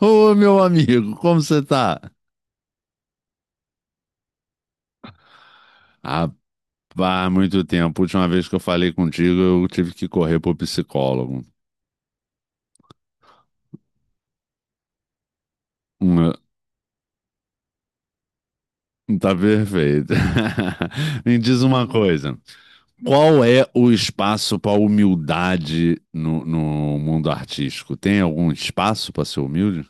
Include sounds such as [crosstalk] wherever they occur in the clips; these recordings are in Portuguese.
Ô, meu amigo, como você tá? Rapaz, muito tempo. A última vez que eu falei contigo, eu tive que correr pro psicólogo. Hum, eh, Tá perfeito. [laughs] Me diz uma coisa: qual é o espaço para humildade no mundo artístico? Tem algum espaço para ser humilde?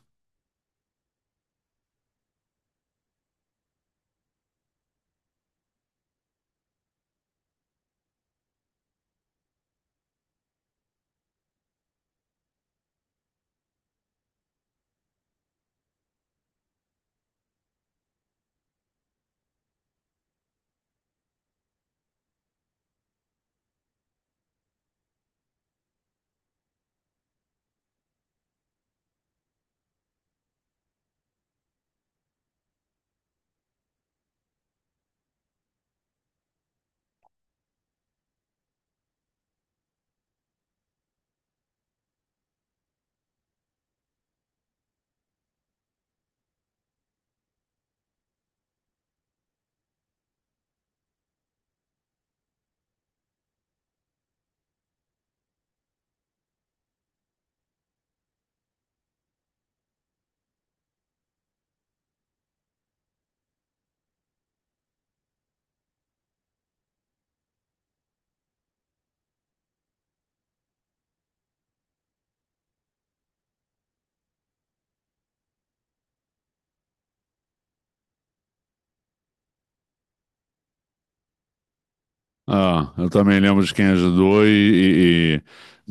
Ah, eu também lembro de quem ajudou e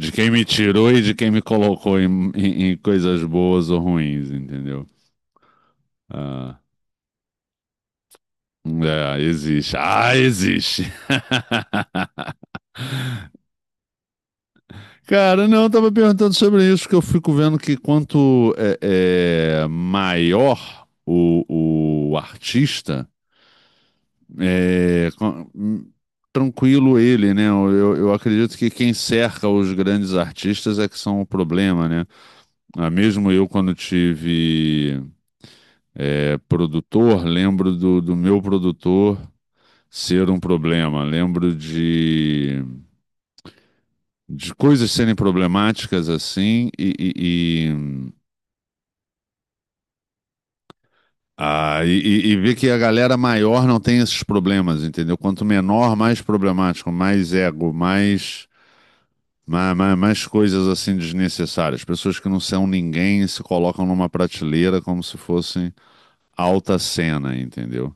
de quem me tirou e de quem me colocou em coisas boas ou ruins, entendeu? Ah, é, existe. Ah, existe. [laughs] Cara, não, eu tava perguntando sobre isso, que eu fico vendo que quanto maior o artista, é, com- hum, tranquilo ele, né? Eu acredito que quem cerca os grandes artistas é que são o problema, né? Ah, mesmo eu, quando tive produtor, lembro do meu produtor ser um problema. Lembro de coisas serem problemáticas assim e, e ver que a galera maior não tem esses problemas, entendeu? Quanto menor, mais problemático, mais ego, mais coisas assim desnecessárias. Pessoas que não são ninguém e se colocam numa prateleira como se fossem alta cena, entendeu?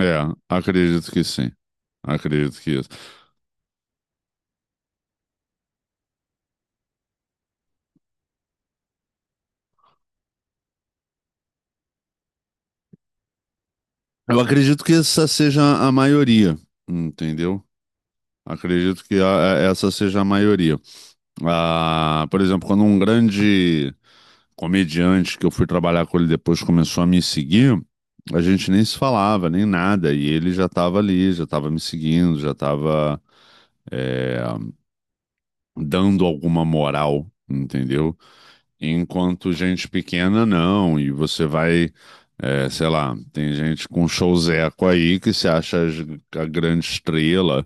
É, acredito que sim. Acredito que isso. Eu acredito que essa seja a maioria, entendeu? Acredito que essa seja a maioria. Ah, por exemplo, quando um grande comediante que eu fui trabalhar com ele depois começou a me seguir, a gente nem se falava, nem nada, e ele já estava ali, já estava me seguindo, já estava dando alguma moral, entendeu? Enquanto gente pequena, não. E você vai, sei lá, tem gente com showzeco aí que se acha a grande estrela,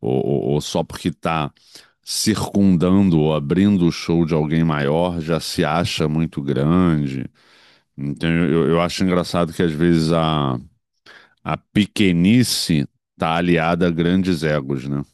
ou só porque tá circundando ou abrindo o show de alguém maior, já se acha muito grande. Então eu acho engraçado que às vezes a pequenice tá aliada a grandes egos, né? [laughs]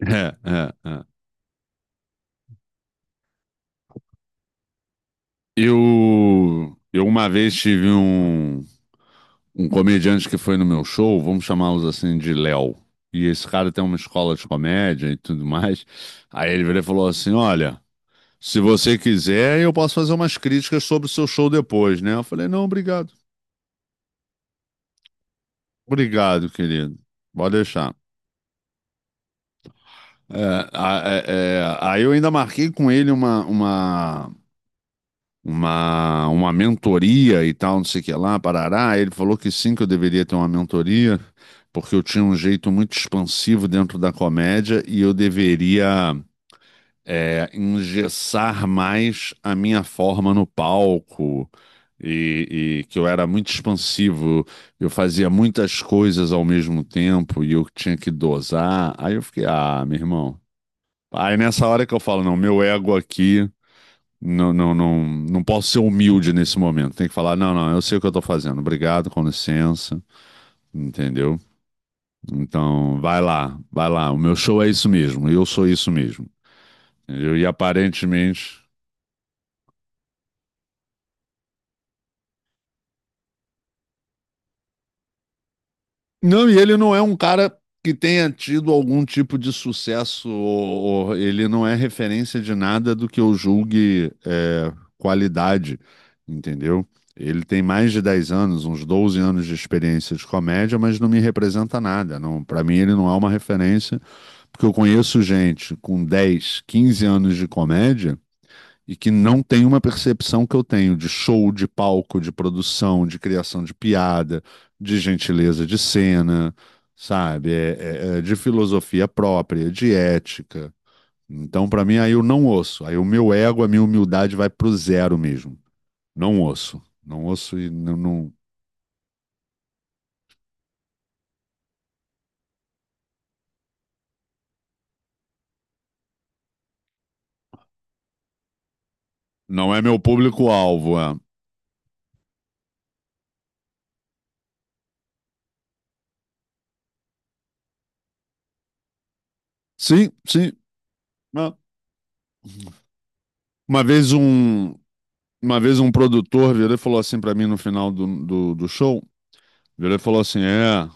É, é, é. Eu uma vez tive um comediante que foi no meu show, vamos chamá-los assim de Léo. E esse cara tem uma escola de comédia e tudo mais. Aí ele virou e falou assim: Olha, se você quiser, eu posso fazer umas críticas sobre o seu show depois, né? Eu falei: Não, obrigado. Obrigado, querido. Pode deixar. É, Aí eu ainda marquei com ele uma mentoria e tal, não sei o que lá, parará. Ele falou que sim, que eu deveria ter uma mentoria, porque eu tinha um jeito muito expansivo dentro da comédia e eu deveria engessar mais a minha forma no palco. E que eu era muito expansivo, eu fazia muitas coisas ao mesmo tempo e eu tinha que dosar. Aí eu fiquei, ah, meu irmão. Aí nessa hora que eu falo, não, meu ego aqui não posso ser humilde nesse momento. Tem que falar, não, não, eu sei o que eu tô fazendo. Obrigado, com licença, entendeu? Então, vai lá, vai lá. O meu show é isso mesmo. Eu sou isso mesmo. Entendeu? E aparentemente não, e ele não é um cara que tenha tido algum tipo de sucesso, ou ele não é referência de nada do que eu julgue é, qualidade, entendeu? Ele tem mais de 10 anos, uns 12 anos de experiência de comédia, mas não me representa nada. Não, para mim ele não é uma referência, porque eu conheço gente com 10, 15 anos de comédia e que não tem uma percepção que eu tenho de show, de palco, de produção, de criação de piada, de gentileza de cena, sabe? É de filosofia própria, de ética. Então, para mim, aí eu não ouço. Aí o meu ego, a minha humildade vai pro zero mesmo. Não ouço. Não ouço e não é meu público-alvo. É. Sim, sim. Ah. Uma vez um, uma vez um produtor virou e falou assim para mim no final do show. Virou e falou assim: É,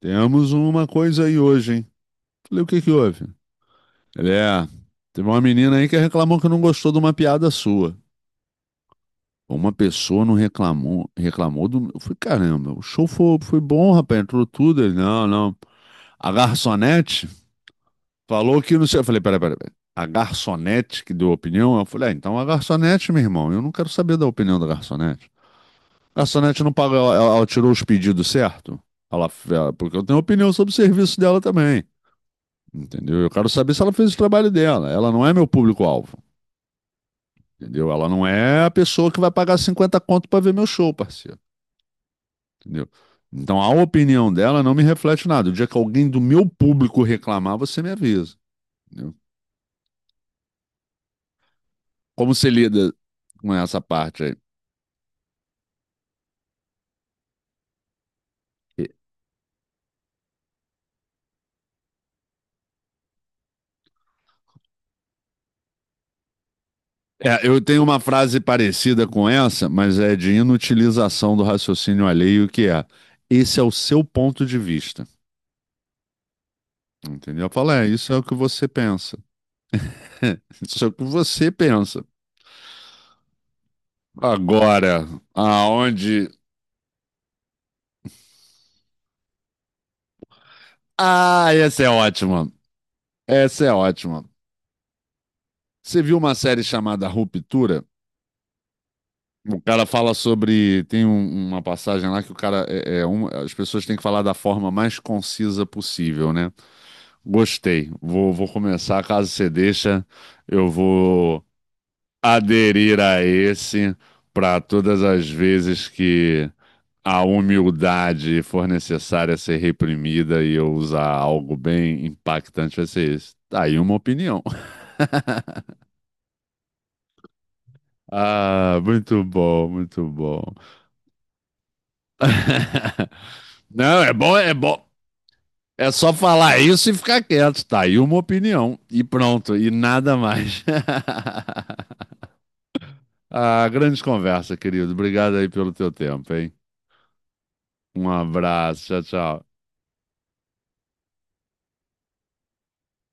temos uma coisa aí hoje, hein? Falei: O que que houve? Ele: teve uma menina aí que reclamou que não gostou de uma piada sua. Uma pessoa não reclamou, reclamou do. Eu falei: Caramba, o show foi, foi bom, rapaz, entrou tudo. Ele: Não, não. A garçonete falou que não sei. Eu falei: Peraí. A garçonete que deu a opinião? Eu falei: ah, então a garçonete, meu irmão, eu não quero saber da opinião da garçonete. A garçonete não pagou, ela tirou os pedidos certo? Porque eu tenho opinião sobre o serviço dela também. Entendeu? Eu quero saber se ela fez o trabalho dela. Ela não é meu público-alvo, entendeu? Ela não é a pessoa que vai pagar 50 conto para ver meu show, parceiro, entendeu? Então a opinião dela não me reflete nada. O dia que alguém do meu público reclamar, você me avisa, entendeu? Como você lida com essa parte aí? É, eu tenho uma frase parecida com essa, mas é de inutilização do raciocínio alheio, que é: esse é o seu ponto de vista. Entendeu? Eu falo, é, isso é o que você pensa. [laughs] Isso é o que você pensa. Agora, aonde. Ah, essa é ótima. Essa é ótima. Você viu uma série chamada Ruptura? O cara fala sobre. Tem uma passagem lá que o cara. É, é as pessoas têm que falar da forma mais concisa possível, né? Gostei. Vou começar. Caso você deixa, eu vou aderir a esse para todas as vezes que a humildade for necessária ser reprimida e eu usar algo bem impactante vai ser isso. Tá aí uma opinião. [laughs] Ah, muito bom, muito bom. [laughs] Não, é bom, é bom. É só falar isso e ficar quieto. Tá aí uma opinião e pronto, e nada mais. [laughs] Ah, grande conversa, querido. Obrigado aí pelo teu tempo, hein? Um abraço, tchau, tchau.